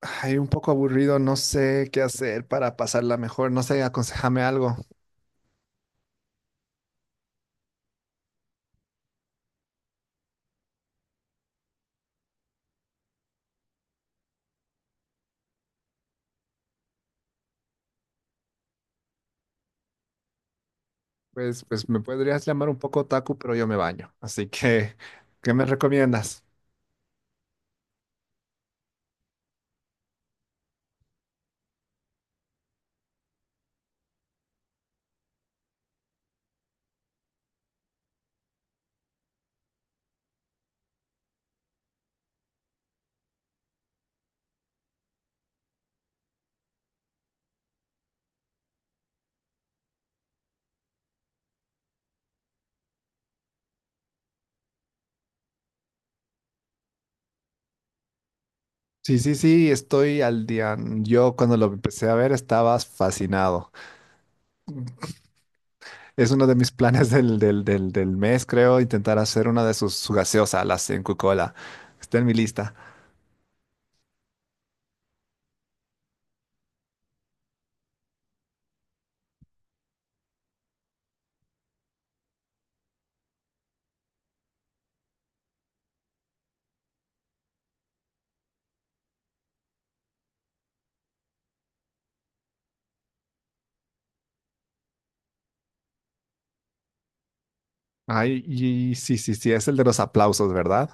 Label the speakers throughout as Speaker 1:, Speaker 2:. Speaker 1: Ay, un poco aburrido, no sé qué hacer para pasarla mejor, no sé, aconsejame algo. Pues me podrías llamar un poco otaku, pero yo me baño. Así que, ¿qué me recomiendas? Sí, sí, sí, estoy al día. Yo cuando lo empecé a ver estaba fascinado. Es uno de mis planes del mes, creo, intentar hacer una de su gaseosa, la sin Coca-Cola. Está en mi lista. Ay, y sí, sí, sí, es el de los aplausos, ¿verdad?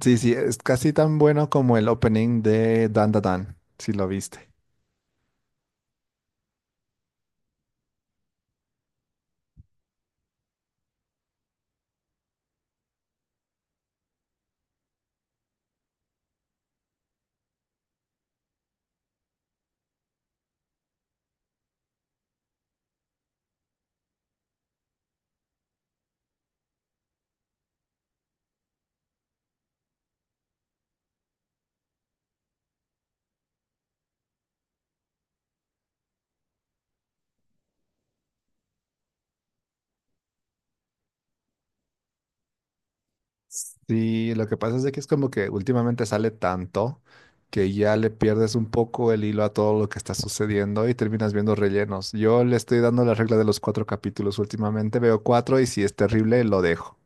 Speaker 1: Sí, sí, es casi tan bueno como el opening de Dan Da Dan, si lo viste. Sí, lo que pasa es de que es como que últimamente sale tanto que ya le pierdes un poco el hilo a todo lo que está sucediendo y terminas viendo rellenos. Yo le estoy dando la regla de los cuatro capítulos últimamente, veo cuatro y si es terrible lo dejo.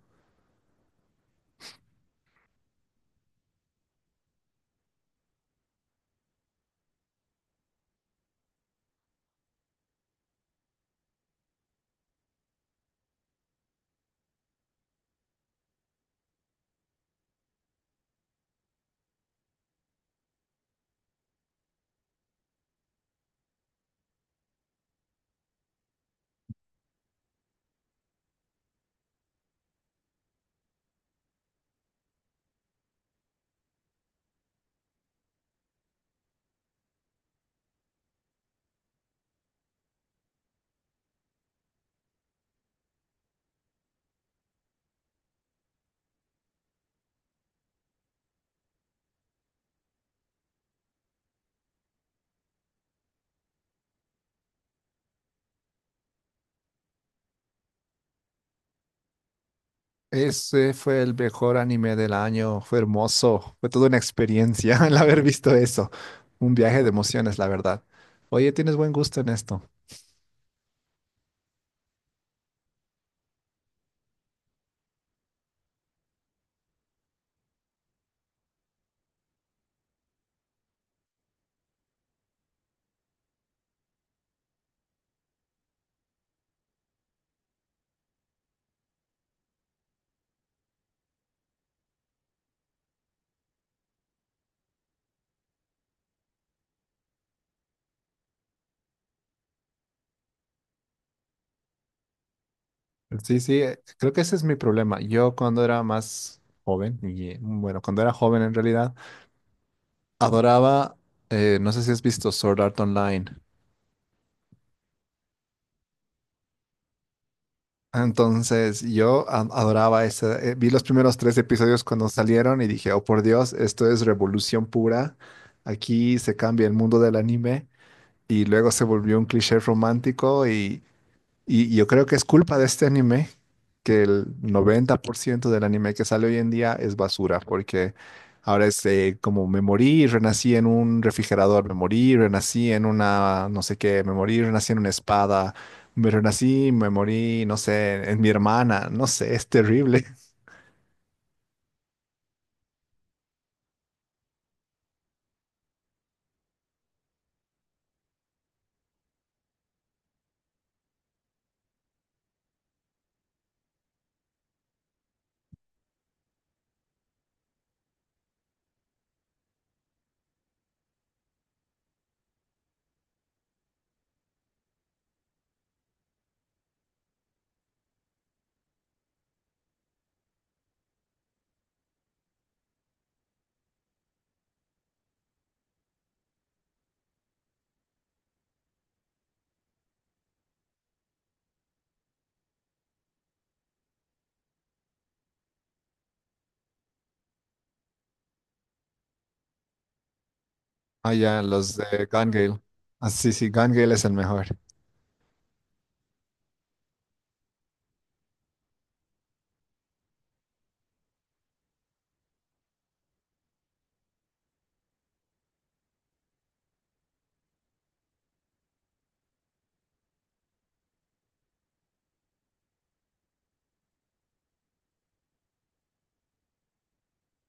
Speaker 1: Ese fue el mejor anime del año, fue hermoso, fue toda una experiencia el haber visto eso. Un viaje de emociones, la verdad. Oye, tienes buen gusto en esto. Sí, sí, creo que ese es mi problema. Yo cuando era más joven, y bueno, cuando era joven en realidad, adoraba, no sé si has visto Sword Art Online. Entonces yo adoraba ese, vi los primeros tres episodios cuando salieron y dije, oh por Dios, esto es revolución pura, aquí se cambia el mundo del anime y luego se volvió un cliché romántico. Y yo creo que es culpa de este anime que el 90% del anime que sale hoy en día es basura, porque ahora es como me morí y renací en un refrigerador, me morí y renací en una no sé qué, me morí y renací en una espada, me renací, y me morí, no sé, en mi hermana, no sé, es terrible. Ah, ya, los de Gun Gale. Ah, sí, sí, Gun Gale es el mejor.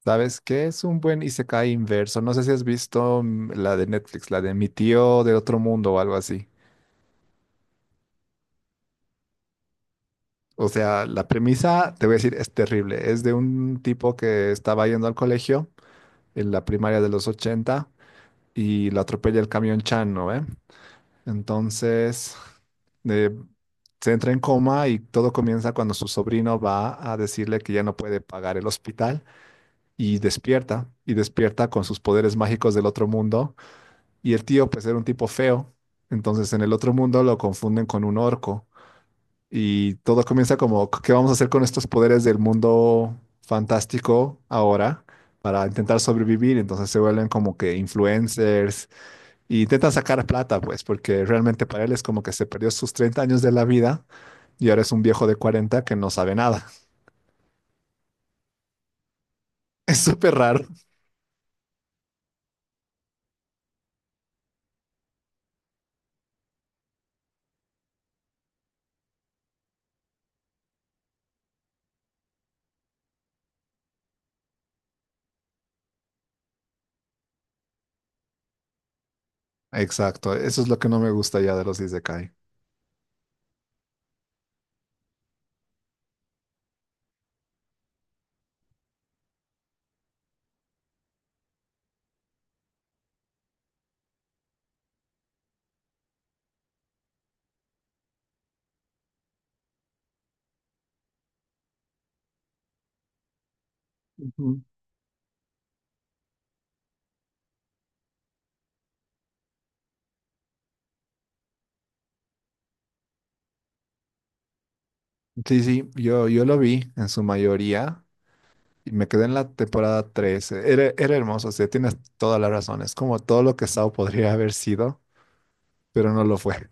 Speaker 1: ¿Sabes qué? Es un buen Isekai inverso. No sé si has visto la de Netflix, la de Mi tío de otro mundo o algo así. O sea, la premisa, te voy a decir, es terrible. Es de un tipo que estaba yendo al colegio en la primaria de los 80 y lo atropella el camión Chan, ¿no? ve? Entonces, eh, se entra en coma y todo comienza cuando su sobrino va a decirle que ya no puede pagar el hospital y despierta con sus poderes mágicos del otro mundo. Y el tío, pues era un tipo feo, entonces en el otro mundo lo confunden con un orco y todo comienza como, ¿qué vamos a hacer con estos poderes del mundo fantástico ahora para intentar sobrevivir? Entonces se vuelven como que influencers y intentan sacar plata, pues, porque realmente para él es como que se perdió sus 30 años de la vida y ahora es un viejo de 40 que no sabe nada. Es súper raro. Exacto, eso es lo que no me gusta ya de los Isekai. Ujú. Sí, sí, yo lo vi en su mayoría. Y me quedé en la temporada tres. Era hermoso, o sea, tienes toda la razón. Es como todo lo que Sao podría haber sido, pero no lo fue.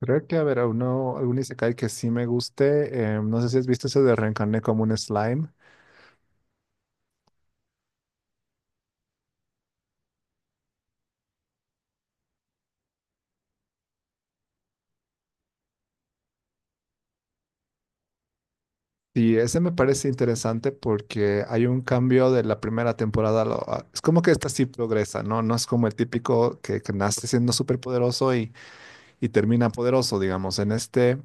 Speaker 1: Creo que, a ver, a uno, algún isekai que sí me guste. No sé si has visto eso de reencarné como un slime. Sí, ese me parece interesante porque hay un cambio de la primera temporada. Es como que esta sí progresa, ¿no? No es como el típico que nace siendo súper poderoso y termina poderoso, digamos. En este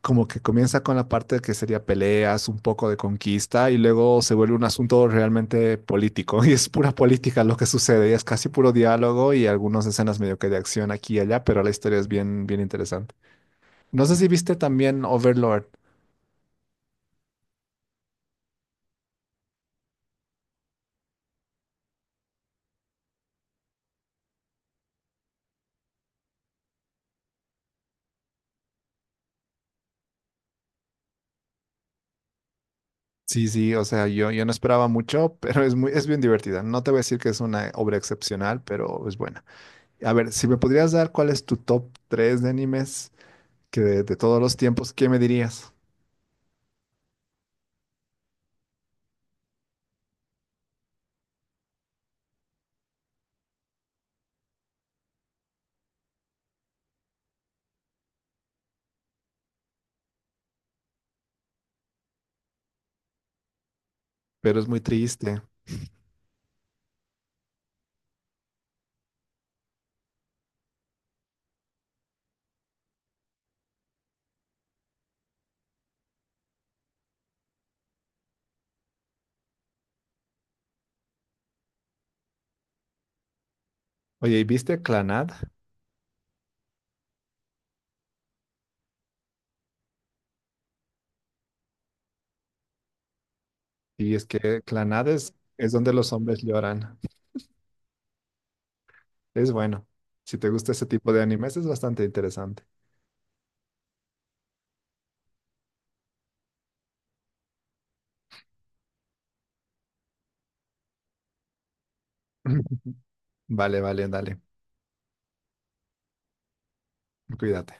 Speaker 1: como que comienza con la parte que sería peleas, un poco de conquista, y luego se vuelve un asunto realmente político, y es pura política lo que sucede, y es casi puro diálogo y algunas escenas medio que de acción aquí y allá, pero la historia es bien, bien interesante. No sé si viste también Overlord. Sí, sí, o sea, yo no esperaba mucho, pero es muy, es bien divertida. No te voy a decir que es una obra excepcional, pero es buena. A ver, si me podrías dar cuál es tu top 3 de animes que de todos los tiempos, ¿qué me dirías? Pero es muy triste. Oye, ¿y viste Clanad? Y es que Clanad es donde los hombres lloran. Es bueno. Si te gusta ese tipo de animes, es bastante interesante. Vale, vale, dale. Cuídate.